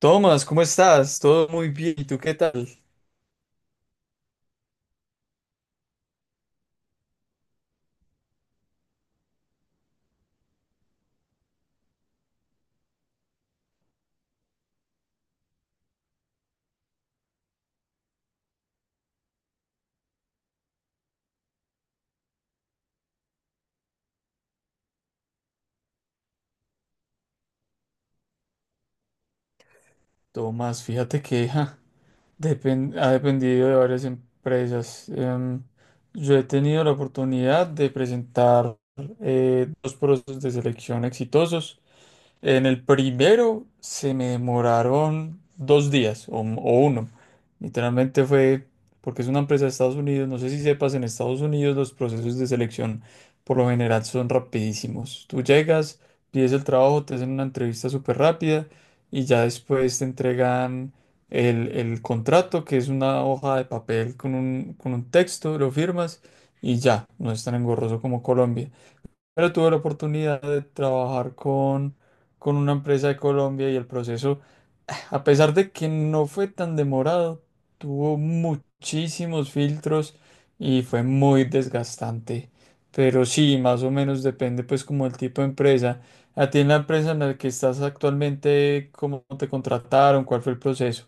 Tomás, ¿cómo estás? Todo muy bien. ¿Y tú qué tal? Tomás, fíjate que ha dependido de varias empresas. Yo he tenido la oportunidad de presentar dos procesos de selección exitosos. En el primero se me demoraron 2 días o uno. Literalmente fue porque es una empresa de Estados Unidos. No sé si sepas, en Estados Unidos los procesos de selección por lo general son rapidísimos. Tú llegas, pides el trabajo, te hacen una entrevista súper rápida y ya después te entregan el contrato, que es una hoja de papel con un texto, lo firmas y ya, no es tan engorroso como Colombia, pero tuve la oportunidad de trabajar con una empresa de Colombia y el proceso, a pesar de que no fue tan demorado, tuvo muchísimos filtros y fue muy desgastante. Pero sí, más o menos depende pues como el tipo de empresa. A ti en la empresa en la que estás actualmente, ¿cómo te contrataron? ¿Cuál fue el proceso?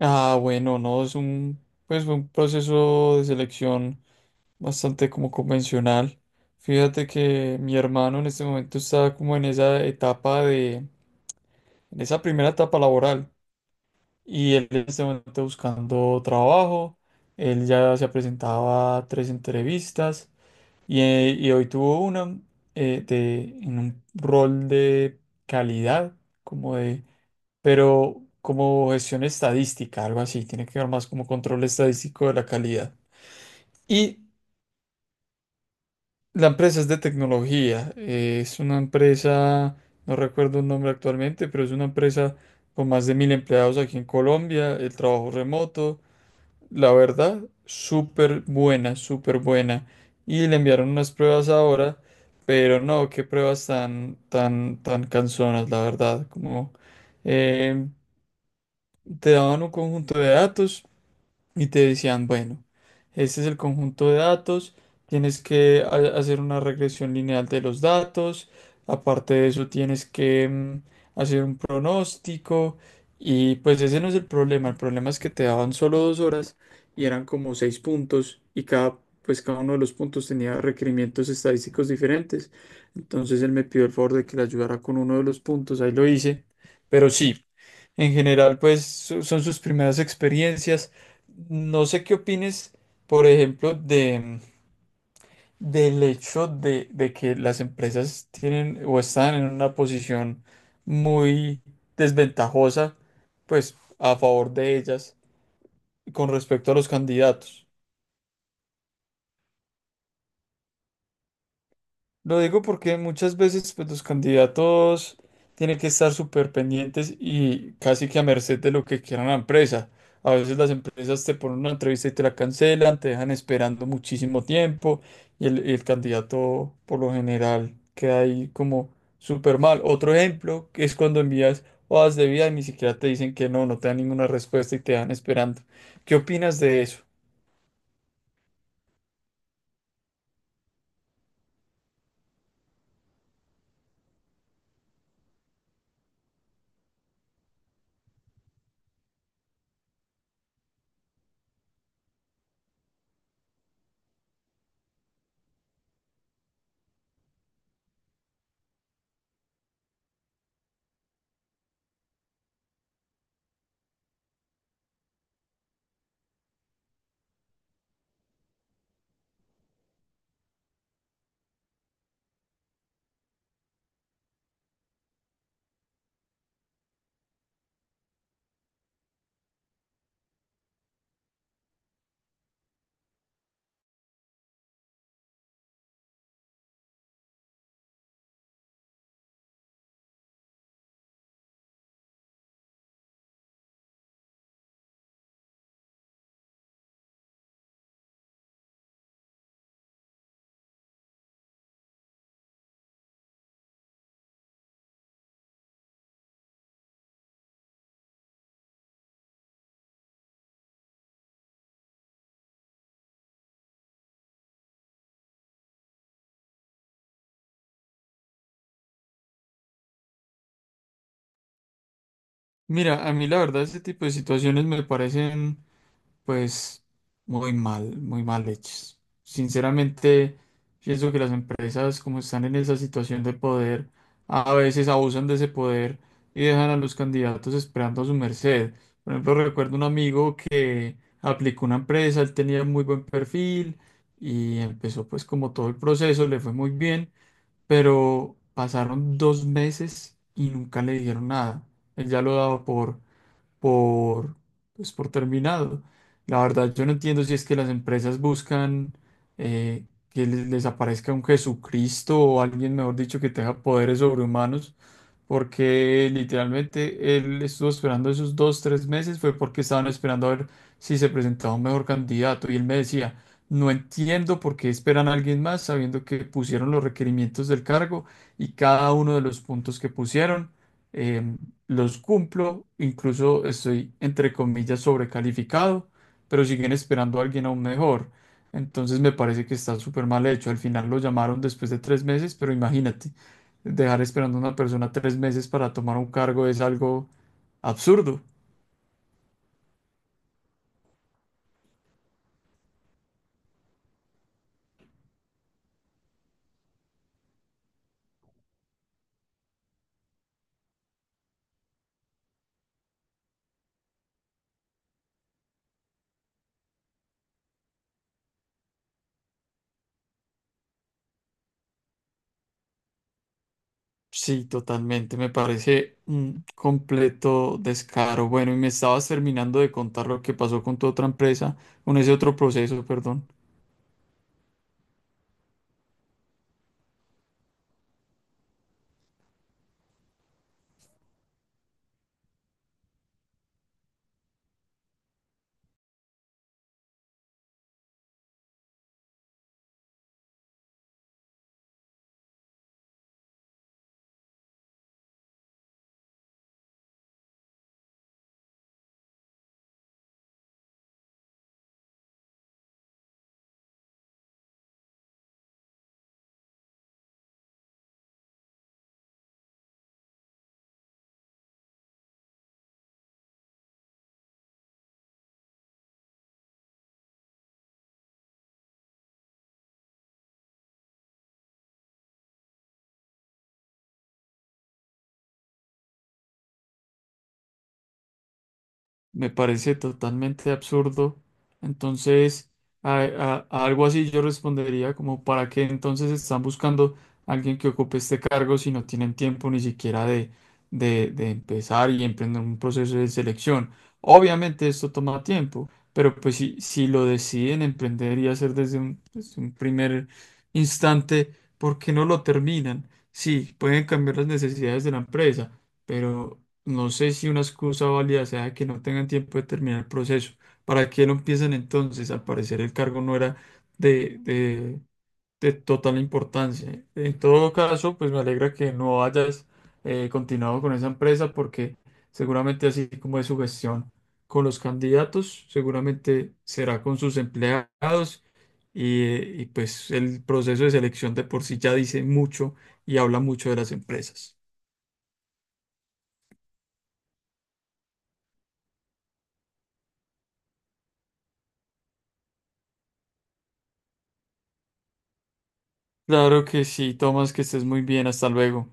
Ah, bueno, no, pues fue un proceso de selección bastante como convencional. Fíjate que mi hermano en este momento está como en esa primera etapa laboral y él en este momento está buscando trabajo. Él ya se presentaba a tres entrevistas y hoy tuvo una en un rol de calidad, como de, pero como gestión estadística, algo así. Tiene que ver más como control estadístico de la calidad. Y la empresa es de tecnología, es una empresa, no recuerdo el nombre actualmente, pero es una empresa con más de mil empleados aquí en Colombia, el trabajo remoto, la verdad, súper buena, súper buena. Y le enviaron unas pruebas ahora, pero no, qué pruebas tan, tan, tan cansonas, la verdad, como eh, te daban un conjunto de datos y te decían, bueno, este es el conjunto de datos, tienes que hacer una regresión lineal de los datos, aparte de eso tienes que hacer un pronóstico, y pues ese no es el problema es que te daban solo 2 horas y eran como seis puntos, y pues cada uno de los puntos tenía requerimientos estadísticos diferentes. Entonces él me pidió el favor de que le ayudara con uno de los puntos, ahí lo hice, pero sí. En general, pues son sus primeras experiencias. No sé qué opines, por ejemplo, del hecho de que las empresas tienen o están en una posición muy desventajosa, pues a favor de ellas con respecto a los candidatos. Lo digo porque muchas veces pues, los candidatos tienen que estar súper pendientes y casi que a merced de lo que quiera la empresa. A veces las empresas te ponen una entrevista y te la cancelan, te dejan esperando muchísimo tiempo y el candidato por lo general queda ahí como súper mal. Otro ejemplo que es cuando envías hojas de vida y ni siquiera te dicen que no, no te dan ninguna respuesta y te dejan esperando. ¿Qué opinas de eso? Mira, a mí la verdad ese tipo de situaciones me parecen pues muy mal hechos. Sinceramente, pienso que las empresas, como están en esa situación de poder, a veces abusan de ese poder y dejan a los candidatos esperando a su merced. Por ejemplo, recuerdo un amigo que aplicó una empresa, él tenía muy buen perfil y empezó pues como todo el proceso, le fue muy bien, pero pasaron 2 meses y nunca le dijeron nada. Él ya lo daba por, pues, por terminado. La verdad, yo no entiendo si es que las empresas buscan eh, que les aparezca un Jesucristo o alguien, mejor dicho, que tenga poderes sobrehumanos, porque literalmente él estuvo esperando esos 2, 3 meses, fue porque estaban esperando a ver si se presentaba un mejor candidato. Y él me decía, no entiendo por qué esperan a alguien más, sabiendo que pusieron los requerimientos del cargo y cada uno de los puntos que pusieron, em, los cumplo, incluso estoy, entre comillas, sobrecalificado, pero siguen esperando a alguien aún mejor. Entonces me parece que está súper mal hecho. Al final lo llamaron después de 3 meses, pero imagínate. Dejar esperando a una persona 3 meses para tomar un cargo es algo absurdo. Sí, totalmente. Me parece un completo descaro. Bueno, y me estabas terminando de contar lo que pasó con tu otra empresa, con ese otro proceso, perdón. Me parece totalmente absurdo. Entonces, a algo así yo respondería como, ¿para qué entonces están buscando a alguien que ocupe este cargo si no tienen tiempo ni siquiera de empezar y emprender un proceso de selección? Obviamente esto toma tiempo, pero pues si lo deciden emprender y hacer desde un primer instante, ¿por qué no lo terminan? Sí, pueden cambiar las necesidades de la empresa, pero no sé si una excusa válida sea que no tengan tiempo de terminar el proceso. ¿Para qué lo empiezan entonces? Al parecer el cargo no era de, de- de total importancia. En todo caso, pues me alegra que no hayas continuado con esa empresa porque seguramente así como es su gestión con los candidatos, seguramente será con sus empleados y pues el proceso de selección de por sí ya dice mucho y habla mucho de las empresas. Claro que sí, Tomás, que estés muy bien, hasta luego.